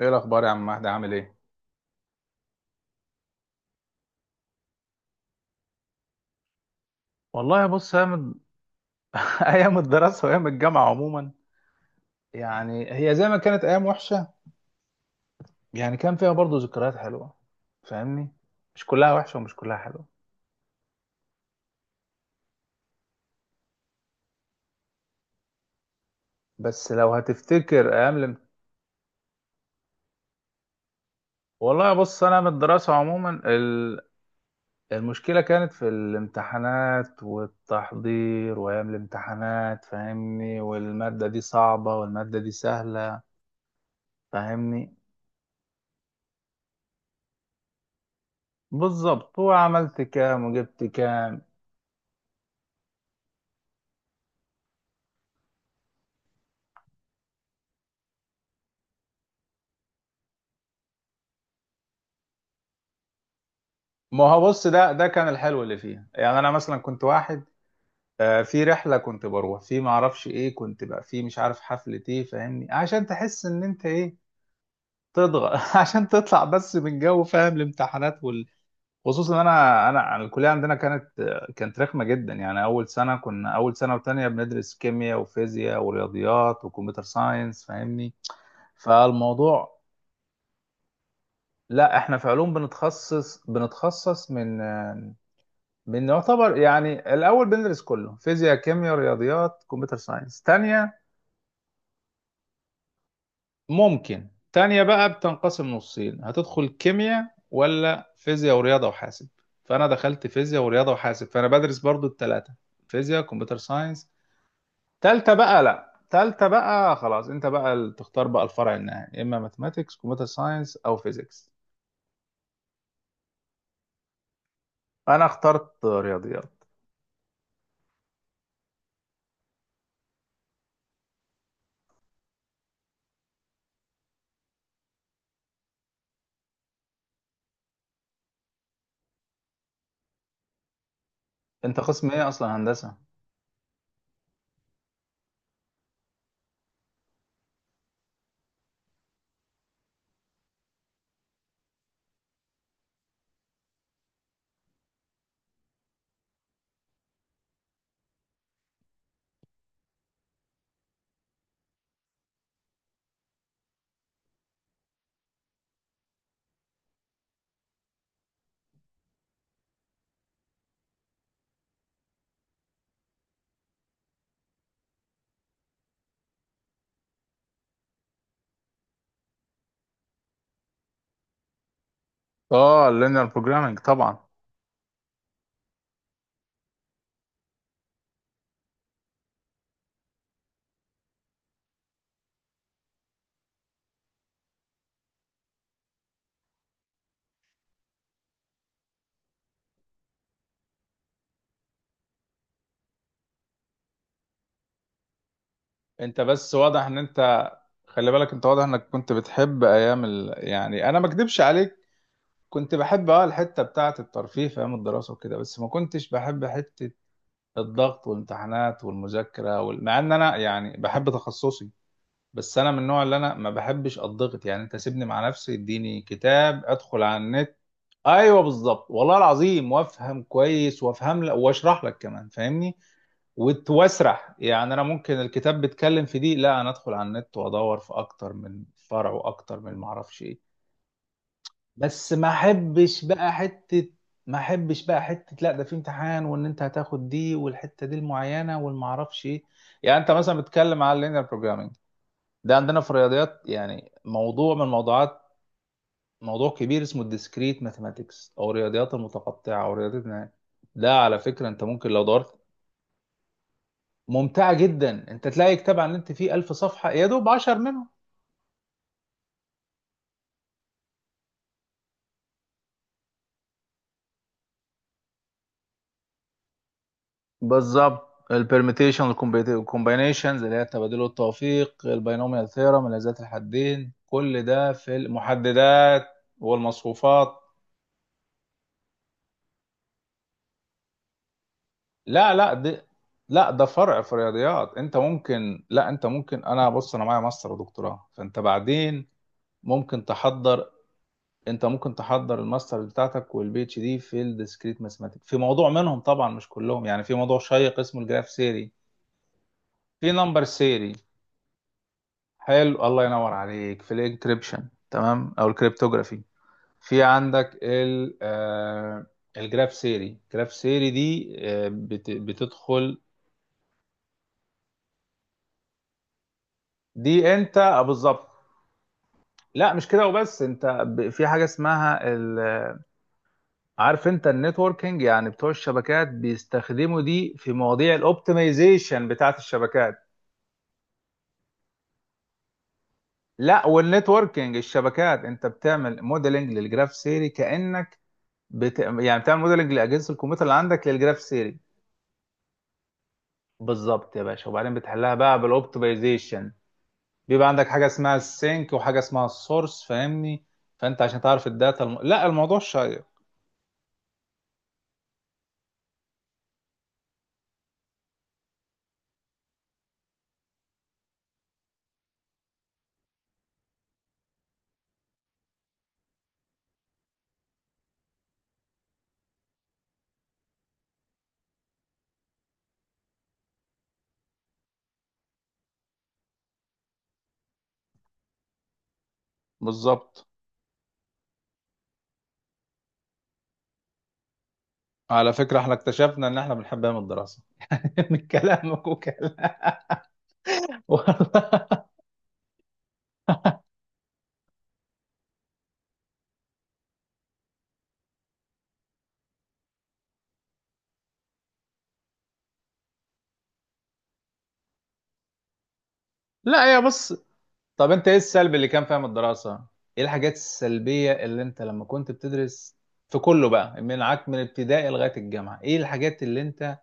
ايه الاخبار يا عم مهدي عامل ايه؟ والله بص ايام. ايام الدراسه وايام الجامعه عموما. يعني هي زي ما كانت ايام وحشه، يعني كان فيها برضو ذكريات حلوه. فاهمني؟ مش كلها وحشه ومش كلها حلوه. بس لو هتفتكر ايام الام... والله بص انا من الدراسه عموما ال... المشكله كانت في الامتحانات والتحضير وايام الامتحانات، فاهمني، والماده دي صعبه والماده دي سهله. فاهمني؟ بالظبط، هو عملت كام وجبت كام. ما هو بص، ده كان الحلو اللي فيها. يعني انا مثلا كنت واحد، في رحله كنت بروح في ما اعرفش ايه، كنت بقى في مش عارف حفله ايه، فاهمني، عشان تحس ان انت ايه تضغط. عشان تطلع بس من جو فاهم الامتحانات وال... خصوصا إن انا انا أنا الكليه عندنا كانت، كانت رخمه جدا. يعني اول سنه وتانية بندرس كيمياء وفيزياء ورياضيات وكمبيوتر ساينس، فاهمني، فالموضوع... لا، احنا في علوم بنتخصص، من بنعتبر يعني الأول بندرس كله فيزياء كيمياء رياضيات كمبيوتر ساينس. تانية ممكن تانية بقى بتنقسم نصين، هتدخل كيمياء ولا فيزياء ورياضة وحاسب. فأنا دخلت فيزياء ورياضة وحاسب، فأنا بدرس برضو التلاتة، فيزياء كمبيوتر ساينس. تالتة بقى، لأ، تالتة بقى خلاص أنت بقى اللي تختار بقى الفرع النهائي، إما ماثماتيكس كمبيوتر ساينس أو فيزيكس. أنا اخترت رياضيات. أنت قسم إيه أصلا، هندسة؟ آه، اللينير بروجرامينج طبعا. انت بس واضح ان انت... خلي بالك، انت واضح انك كنت بتحب ايام ال... يعني انا ما اكدبش عليك، كنت بحب اه الحته بتاعه الترفيه في ايام الدراسه وكده، بس ما كنتش بحب حته الضغط والامتحانات والمذاكره وال... مع ان انا يعني بحب تخصصي. بس انا من النوع اللي انا ما بحبش الضغط، يعني انت سيبني مع نفسي، اديني كتاب، ادخل على النت. ايوه بالظبط، والله العظيم، وافهم كويس وافهم لك واشرح لك كمان، فاهمني، واسرح. يعني انا ممكن الكتاب بيتكلم في دي، لا انا ادخل على النت وادور في اكتر من فرع واكتر من معرفش ايه. بس ما احبش بقى حته، ما احبش بقى حته، لا ده في امتحان وان انت هتاخد دي والحته دي المعينه والمعرفش ايه. يعني انت مثلا بتتكلم على اللينير بروجرامينج، ده عندنا في الرياضيات يعني موضوع من الموضوعات. موضوع كبير اسمه الديسكريت ماثيماتكس او الرياضيات المتقطعه او رياضيات النهاية. ده على فكره انت ممكن لو دورت، ممتعة جدا، انت تلاقي كتاب عن اللي انت فيه 1000 صفحة يا دوب 10 منهم. بالظبط، البرميتيشن الكومبينيشنز اللي هي التبادل والتوفيق، البينوميال ثيرم الذات الحدين، كل ده في المحددات والمصفوفات. لا، لا ده فرع في الرياضيات. انت ممكن، لا انت ممكن، انا بص، انا معايا ماستر ودكتوراه، فانت بعدين ممكن تحضر. انت ممكن تحضر الماستر بتاعتك والبي اتش دي في الديسكريت ماثماتيك في موضوع منهم، طبعا مش كلهم. يعني في موضوع شيق اسمه الجراف سيري، في نمبر سيري. حلو، الله ينور عليك، في الانكريبشن تمام او الكريبتوغرافي. في عندك ال آه، الجراف سيري. الجراف سيري دي آه بت بتدخل. دي انت، بالظبط. لا مش كده وبس، انت في حاجه اسمها... عارف انت النتوركينج، يعني بتوع الشبكات بيستخدموا دي في مواضيع الاوبتمايزيشن بتاعت الشبكات. لا والنتوركينج الشبكات، انت بتعمل موديلنج للجراف سيري كانك يعني بتعمل موديلنج لاجهزه الكمبيوتر اللي عندك للجراف سيري. بالظبط يا باشا، وبعدين بتحلها بقى بالاوبتمايزيشن. بيبقى عندك حاجه اسمها السينك وحاجه اسمها السورس، فاهمني، فانت عشان تعرف الداتا الم... لا الموضوع شيق. بالظبط. على فكره احنا اكتشفنا ان احنا بنحب ايام الدراسه من كلامك وكلام. والله. لا يا بص، طب انت ايه السلبي اللي كان فيها من الدراسة؟ ايه الحاجات السلبية اللي انت لما كنت بتدرس في كله بقى من عك من ابتدائي لغاية الجامعة، ايه الحاجات اللي انت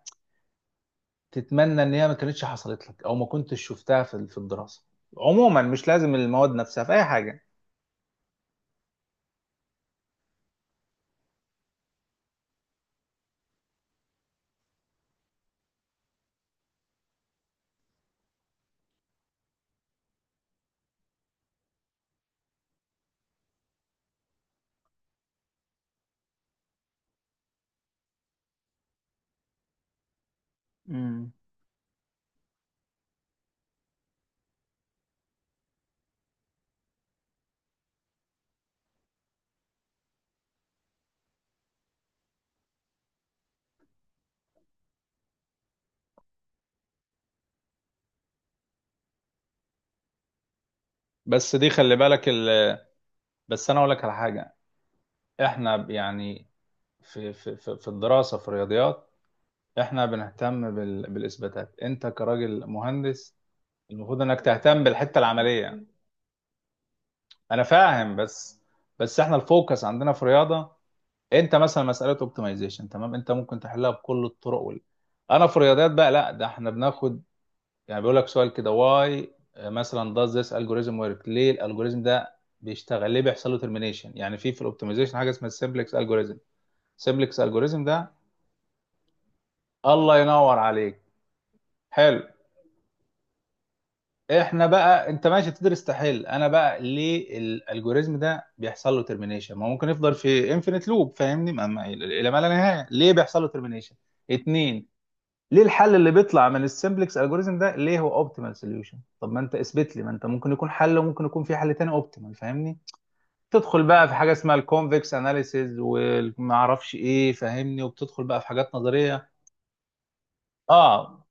تتمنى ان هي ما كانتش حصلت لك او ما كنتش شفتها في في الدراسة عموما، مش لازم المواد نفسها، في اي حاجة. امم، بس دي خلي بالك ال... بس انا اقول لك على حاجه، احنا يعني، في الدراسه في الرياضيات احنا بنهتم بال... بالاثباتات. انت كراجل مهندس المفروض انك تهتم بالحته العمليه. انا فاهم بس، بس احنا الفوكس عندنا في رياضه، انت مثلا مساله اوبتمايزيشن تمام انت ممكن تحلها بكل الطرق وال... انا في رياضيات بقى لا ده احنا بناخد، يعني بيقول لك سؤال كده، واي مثلا does this algorithm work، ليه الالجوريزم ده بيشتغل، ليه بيحصل له termination. يعني في الاوبتمايزيشن حاجه اسمها السمبلكس الجوريزم. السمبلكس الجوريزم ده الله ينور عليك، حلو. احنا بقى انت ماشي بتدرس تحل، انا بقى ليه الالجوريزم ده بيحصل له ترمينيشن؟ ما هو ممكن يفضل في انفينيت لوب، فاهمني، ما الى ما لا نهايه، ليه بيحصل له ترمينيشن؟ اتنين، ليه الحل اللي بيطلع من السمبلكس الجوريزم ده ليه هو اوبتيمال سوليوشن؟ طب ما انت اثبت لي، ما انت ممكن يكون حل وممكن يكون في حل تاني اوبتيمال، فاهمني. تدخل بقى في حاجه اسمها الكونفكس اناليسيز وما اعرفش ايه، فاهمني، وبتدخل بقى في حاجات نظريه. اه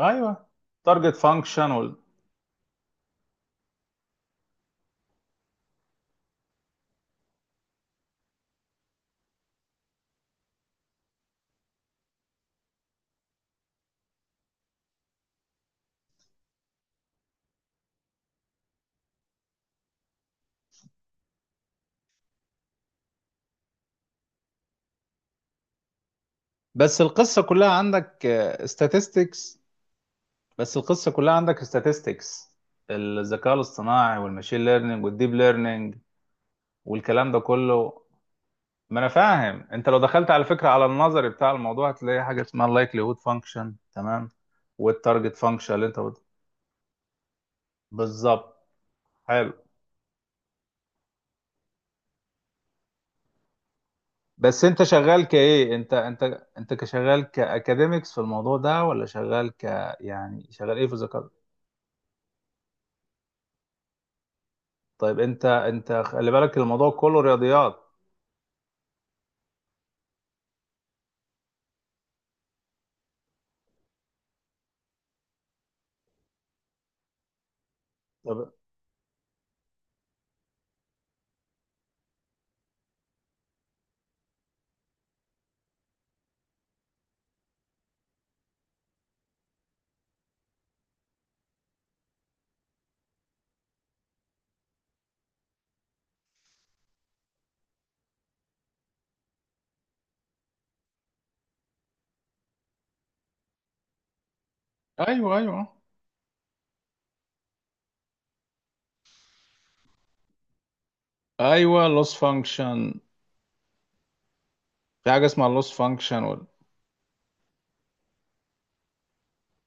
ايوه، تارجت فانكشن. بس القصة كلها عندك statistics بس القصة كلها عندك statistics، الذكاء الاصطناعي والماشين ليرنينج والديب ليرنينج والكلام ده كله. ما انا فاهم، انت لو دخلت على فكرة على النظري بتاع الموضوع هتلاقي حاجة اسمها likelihood function تمام، والتارجت function. بالظبط. حلو. بس انت شغال كايه، انت كشغال كاكاديميكس في الموضوع ده ولا شغال ك... يعني شغال ايه في الذكاء؟ طيب انت خلي بالك الموضوع كله رياضيات. طب ايوه ايوه، ايوه لوس فانكشن. في حاجه اسمها لوس فانكشن.